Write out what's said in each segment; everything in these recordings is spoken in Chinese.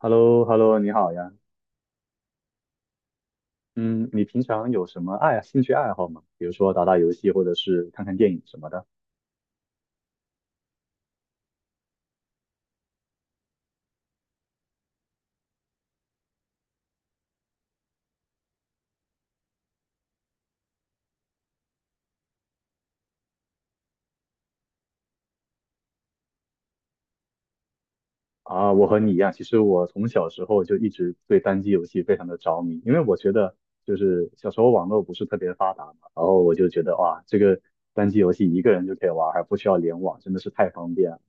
h e l l o h e l l o 你好呀。嗯，你平常有什么兴趣爱好吗？比如说打打游戏，或者是看看电影什么的。啊，我和你一样，其实我从小时候就一直对单机游戏非常的着迷，因为我觉得就是小时候网络不是特别发达嘛，然后我就觉得哇，这个单机游戏一个人就可以玩，还不需要联网，真的是太方便了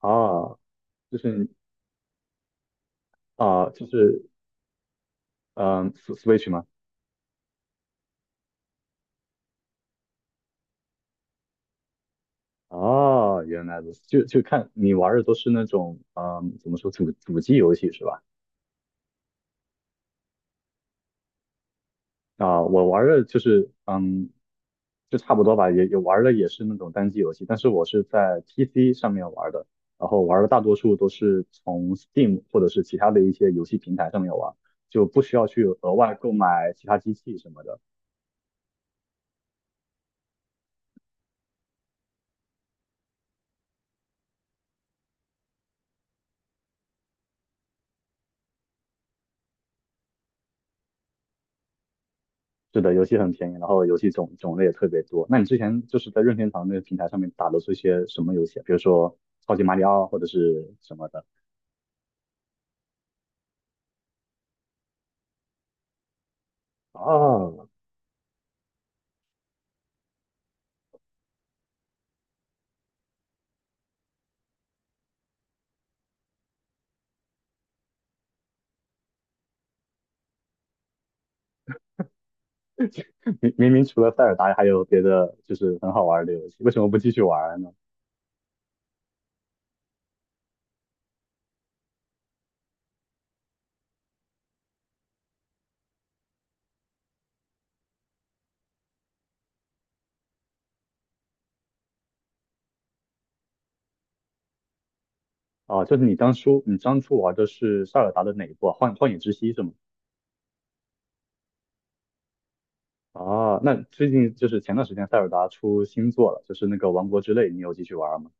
啊！就是就是 s w i t c h 吗？哦，原来如此，就看你玩的都是那种怎么说主机游戏是吧？啊、我玩的就是，就差不多吧，也玩的也是那种单机游戏，但是我是在 PC 上面玩的，然后玩的大多数都是从 Steam 或者是其他的一些游戏平台上面玩，就不需要去额外购买其他机器什么的。是的，游戏很便宜，然后游戏种类也特别多。那你之前就是在任天堂那个平台上面打的是一些什么游戏啊，比如说超级马里奥或者是什么的？哦，明除了塞尔达，还有别的就是很好玩的游戏，为什么不继续玩呢？啊，就是你当初玩的是塞尔达的哪一部啊？幻影之息是吗？啊，那最近就是前段时间塞尔达出新作了，就是那个王国之泪，你有继续玩吗？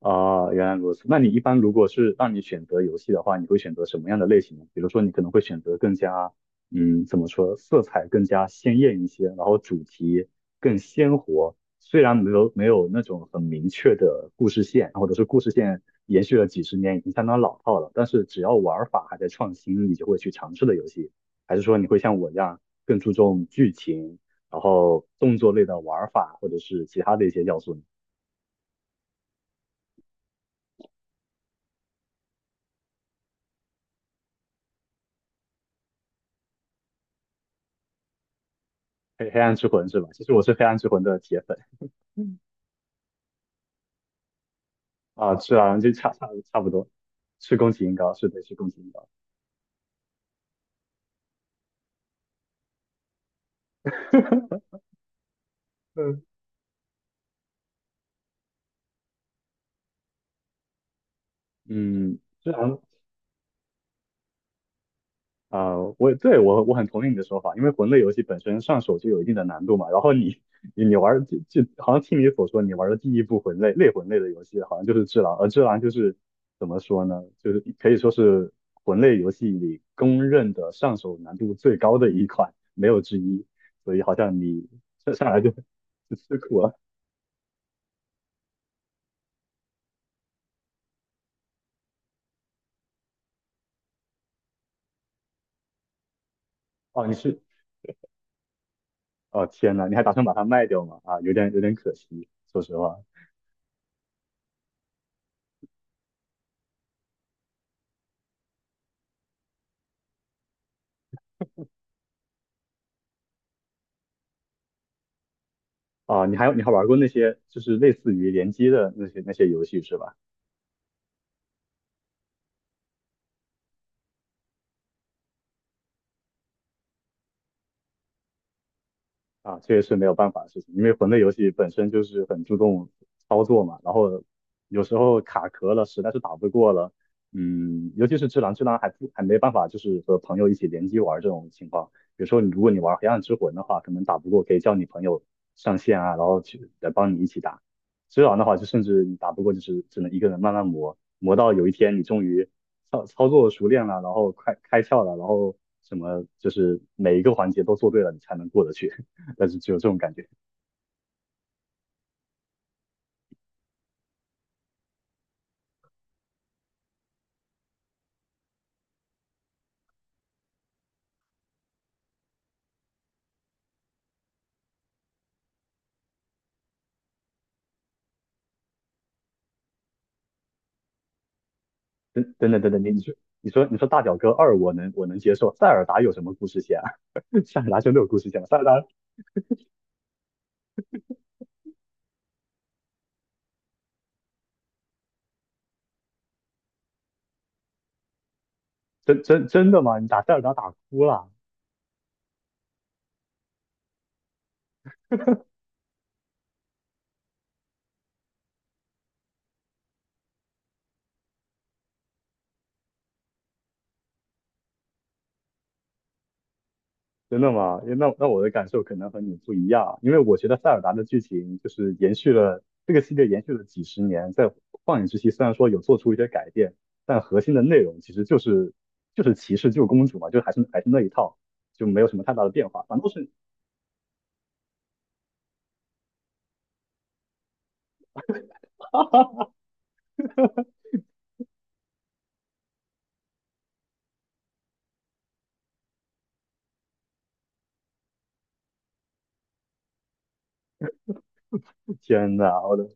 啊，原来如此。那你一般如果是让你选择游戏的话，你会选择什么样的类型呢？比如说，你可能会选择更加，怎么说，色彩更加鲜艳一些，然后主题更鲜活。虽然没有那种很明确的故事线，或者是故事线延续了几十年，已经相当老套了，但是只要玩法还在创新，你就会去尝试的游戏。还是说你会像我一样更注重剧情，然后动作类的玩法，或者是其他的一些要素呢？黑暗之魂是吧？其实我是黑暗之魂的铁粉。啊，是啊，就差不多，是宫崎英高，是对，是宫崎英高。嗯嗯，虽然啊、呃我对我我很同意你的说法，因为魂类游戏本身上手就有一定的难度嘛。然后你 你玩儿就好像听你所说，你玩的第一部魂类的游戏好像就是《只狼》，而《只狼》就是怎么说呢？就是可以说是魂类游戏里公认的上手难度最高的一款，没有之一。所以好像你上来就 就吃苦了。哦哦，天呐，你还打算把它卖掉吗？啊，有点可惜，说实话。啊，你还玩过那些就是类似于联机的那些游戏是吧？啊，这个是没有办法的事情，因为魂类游戏本身就是很注重操作嘛，然后有时候卡壳了，实在是打不过了，尤其是只狼，只狼还没办法，就是和朋友一起联机玩这种情况。比如说如果你玩黑暗之魂的话，可能打不过可以叫你朋友上线啊，然后去来帮你一起打。只狼的话，就甚至你打不过，就是只能一个人慢慢磨，磨到有一天你终于操作熟练了，然后快开窍了，然后什么就是每一个环节都做对了，你才能过得去。但是只有这种感觉。等等等等等，你说大表哥二我能接受，塞尔达有什么故事线啊？塞尔达真的有故事线吗？塞尔达真的吗？你打塞尔达打哭了，真的吗？那我的感受可能和你不一样啊，因为我觉得塞尔达的剧情就是延续了这个系列延续了几十年，在旷野之息虽然说有做出一些改变，但核心的内容其实就是骑士救公主嘛，就还是那一套，就没有什么太大的变化，反倒是天呐，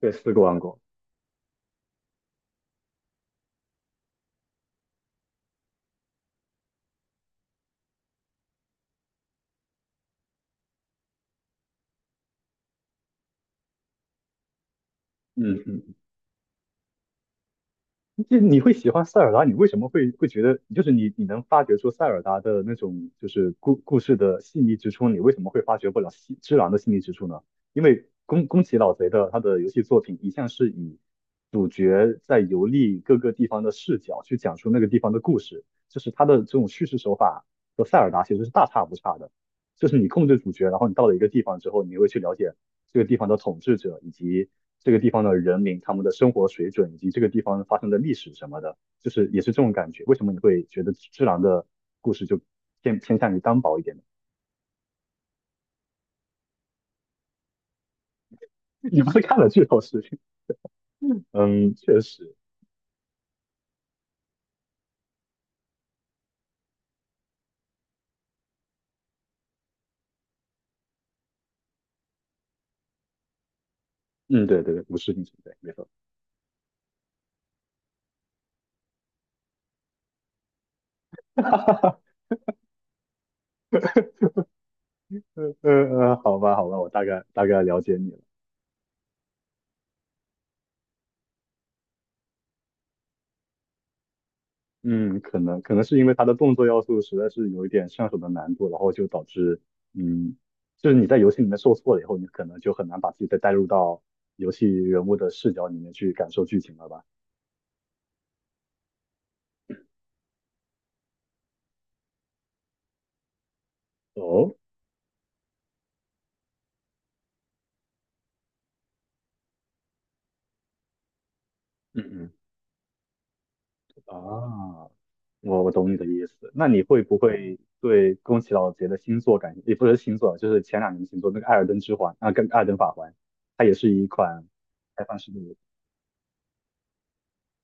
对四个王国。嗯。就你会喜欢塞尔达，你为什么会觉得，就是你能发掘出塞尔达的那种就是故事的细腻之处，你为什么会发掘不了西之狼的细腻之处呢？因为宫崎老贼的他的游戏作品一向是以主角在游历各个地方的视角去讲述那个地方的故事，就是他的这种叙事手法和塞尔达其实是大差不差的。就是你控制主角，然后你到了一个地方之后，你会去了解这个地方的统治者以及这个地方的人民他们的生活水准以及这个地方发生的历史什么的，就是也是这种感觉。为什么你会觉得智狼的故事就偏向于单薄一点呢？你不是看了剧透视频？嗯，确实。嗯，对对对，无视频存在，没错。嗯嗯，好吧好吧，我大概了解你了。嗯，可能是因为它的动作要素实在是有一点上手的难度，然后就导致，嗯，就是你在游戏里面受挫了以后，你可能就很难把自己再带入到游戏人物的视角里面去感受剧情了吧？哦，嗯嗯，啊，我懂你的意思。那你会不会对宫崎老杰的新作感，也不是新作，就是前两年的新作那个《艾尔登之环》啊，跟《艾尔登法环》，它也是一款开放式的。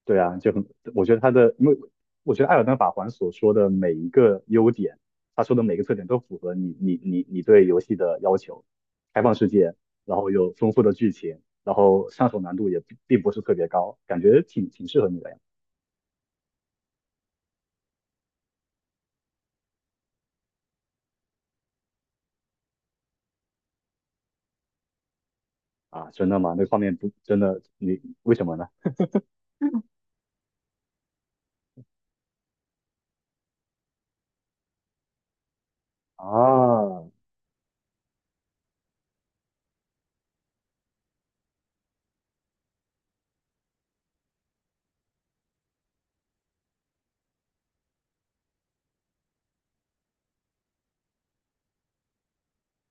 对啊，就很，我觉得他的，因为我觉得艾尔登法环所说的每一个优点，他说的每个特点都符合你对游戏的要求，开放世界，然后有丰富的剧情，然后上手难度也并不是特别高，感觉挺适合你的呀。啊，真的吗？那个画面不真的，你为什么呢？嗯，啊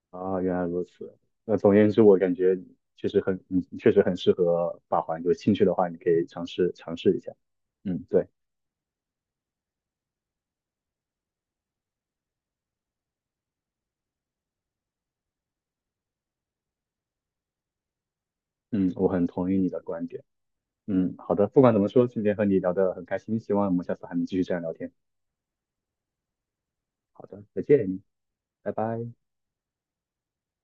啊，原来如此。那总而言之，我感觉确实很，你确实很适合法环。有兴趣的话，你可以尝试尝试一下。嗯，对。嗯，我很同意你的观点。嗯，好的，不管怎么说，今天和你聊得很开心，希望我们下次还能继续这样聊天。好的，再见，拜拜。